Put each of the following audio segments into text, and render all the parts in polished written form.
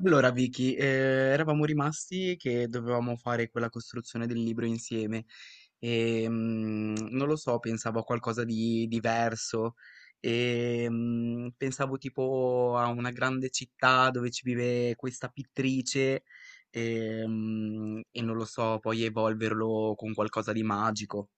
Allora Vicky, eravamo rimasti che dovevamo fare quella costruzione del libro insieme e non lo so, pensavo a qualcosa di diverso e pensavo tipo a una grande città dove ci vive questa pittrice e, e non lo so, poi evolverlo con qualcosa di magico.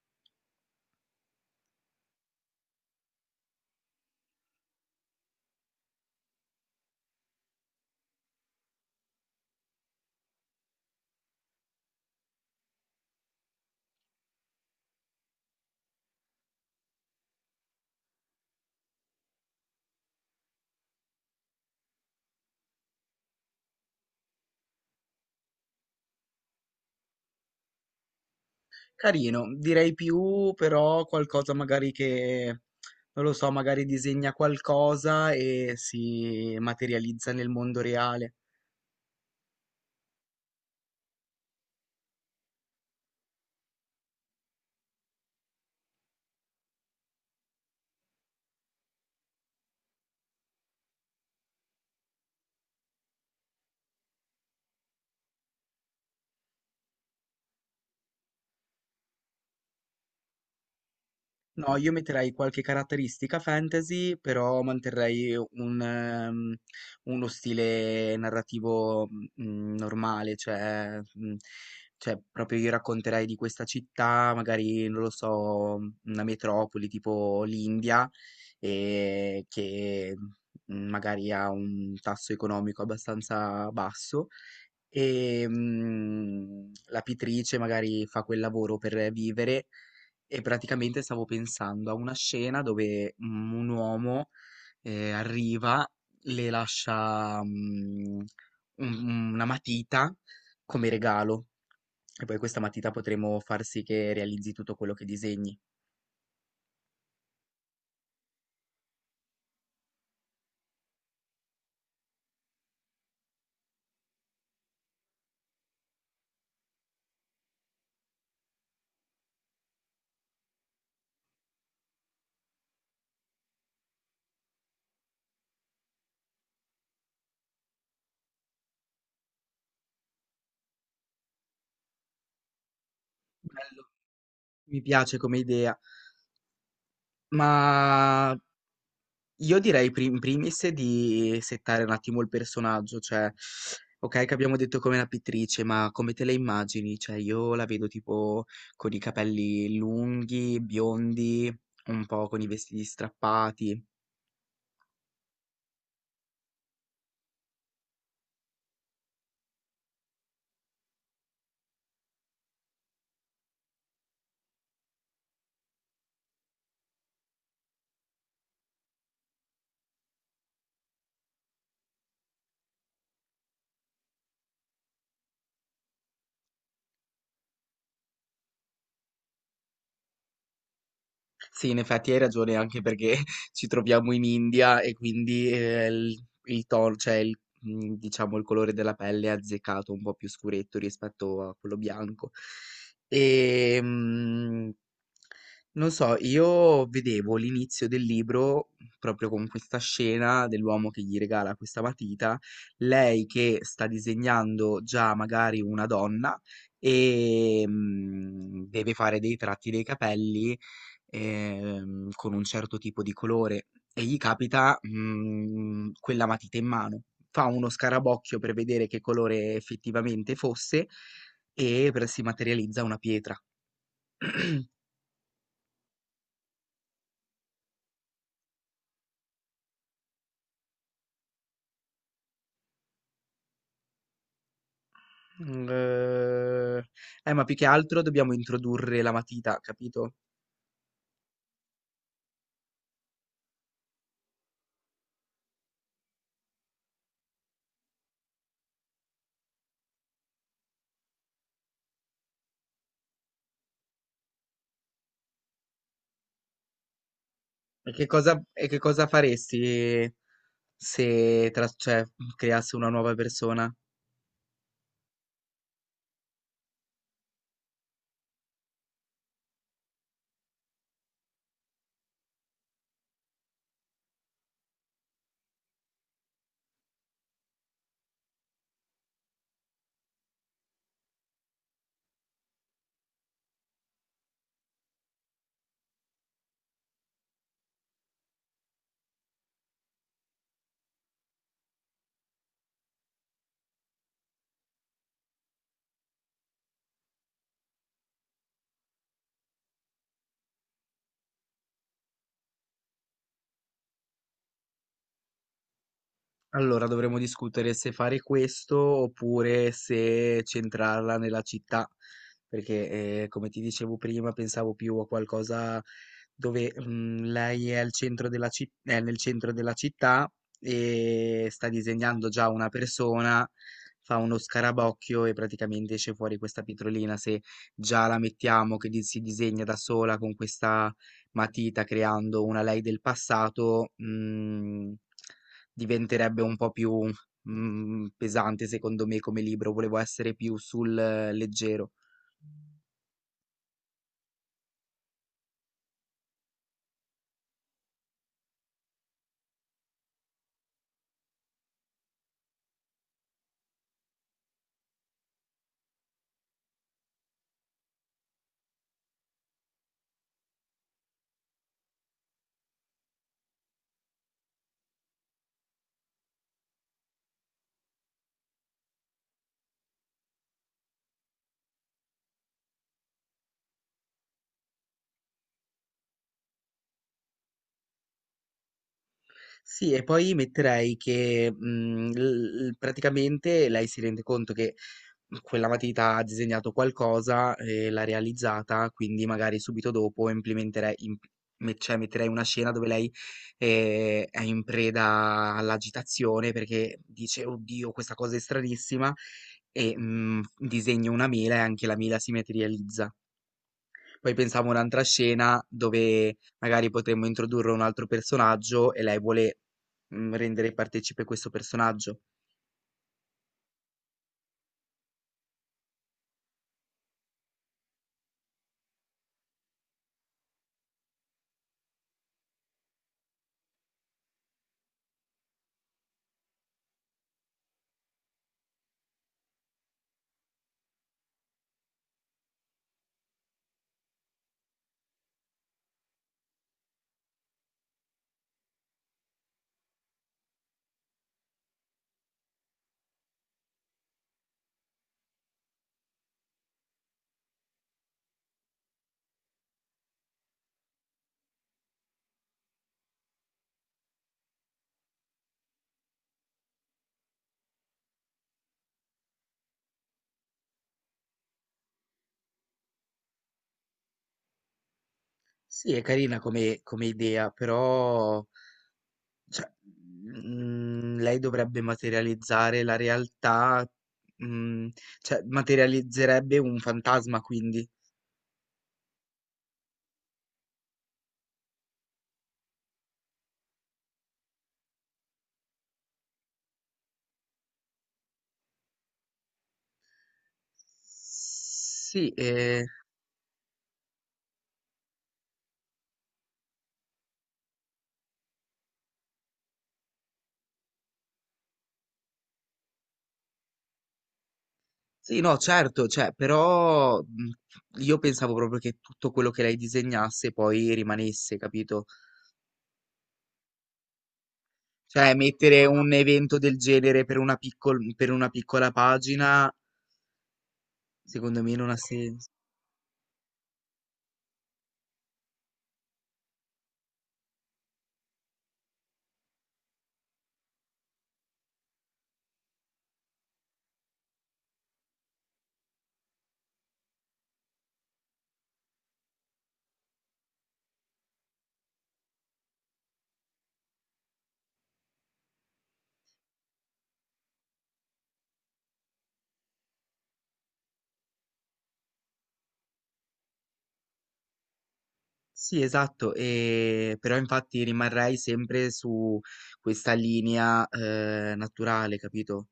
Carino, direi più però qualcosa magari che, non lo so, magari disegna qualcosa e si materializza nel mondo reale. No, io metterei qualche caratteristica fantasy, però manterrei un, uno stile narrativo normale, cioè, cioè proprio io racconterei di questa città, magari non lo so, una metropoli tipo l'India, e che magari ha un tasso economico abbastanza basso e la pittrice magari fa quel lavoro per vivere e praticamente stavo pensando a una scena dove un uomo arriva, le lascia una matita come regalo e poi questa matita potremo far sì che realizzi tutto quello che disegni. Bello, mi piace come idea, ma io direi pri in primis di settare un attimo il personaggio, cioè okay che abbiamo detto come la pittrice, ma come te la immagini? Cioè io la vedo tipo con i capelli lunghi, biondi, un po' con i vestiti strappati. Sì, in effetti hai ragione, anche perché ci troviamo in India e quindi, il tono cioè il mhmm, diciamo il colore della pelle è azzeccato, un po' più scuretto rispetto a quello bianco. Ehm, non so, io vedevo l'inizio del libro proprio con questa scena dell'uomo che gli regala questa matita, lei che sta disegnando già magari una donna, deve fare dei tratti dei capelli con un certo tipo di colore e gli capita, mhmm, quella matita in mano. Fa uno scarabocchio per vedere che colore effettivamente fosse e per si materializza una pietra. Mhmm, ma più che altro dobbiamo introdurre la matita, capito? E che cosa faresti se tras cioè, creasse una nuova persona? Allora dovremmo discutere se fare questo oppure se centrarla nella città, perché come ti dicevo prima pensavo più a qualcosa dove lei è, al centro della è nel centro della città e sta disegnando già una persona, fa uno scarabocchio e praticamente esce fuori questa pietrolina. Se già la mettiamo che si disegna da sola con questa matita creando una lei del passato, mm, diventerebbe un po' più, mhmm, pesante secondo me come libro, volevo essere più sul leggero. Sì, e poi metterei che, mhmm, l l praticamente lei si rende conto che mhmm, quella matita ha disegnato qualcosa e l'ha realizzata, quindi magari subito dopo implementerei imp me cioè metterei una scena dove lei, è in preda all'agitazione perché dice: "Oddio, questa cosa è stranissima" e, mhmm, disegna una mela e anche la mela si materializza. Poi pensavo a un'altra scena dove magari potremmo introdurre un altro personaggio e lei vuole rendere partecipe questo personaggio. Sì, è carina come, come idea, però cioè, lei dovrebbe materializzare la realtà, mm, cioè materializzerebbe un fantasma, quindi. Sì, sì, no, certo, cioè, però io pensavo proprio che tutto quello che lei disegnasse poi rimanesse, capito? Cioè, mettere un evento del genere per una per una piccola pagina, secondo me non ha senso. Sì, esatto, però infatti rimarrei sempre su questa linea naturale, capito?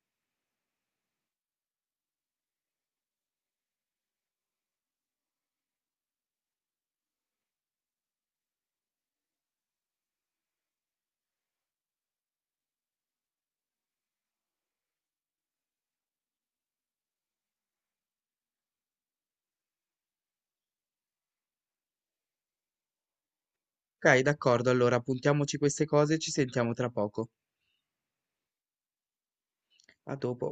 Ok, d'accordo, allora puntiamoci queste cose e ci sentiamo tra poco. A dopo.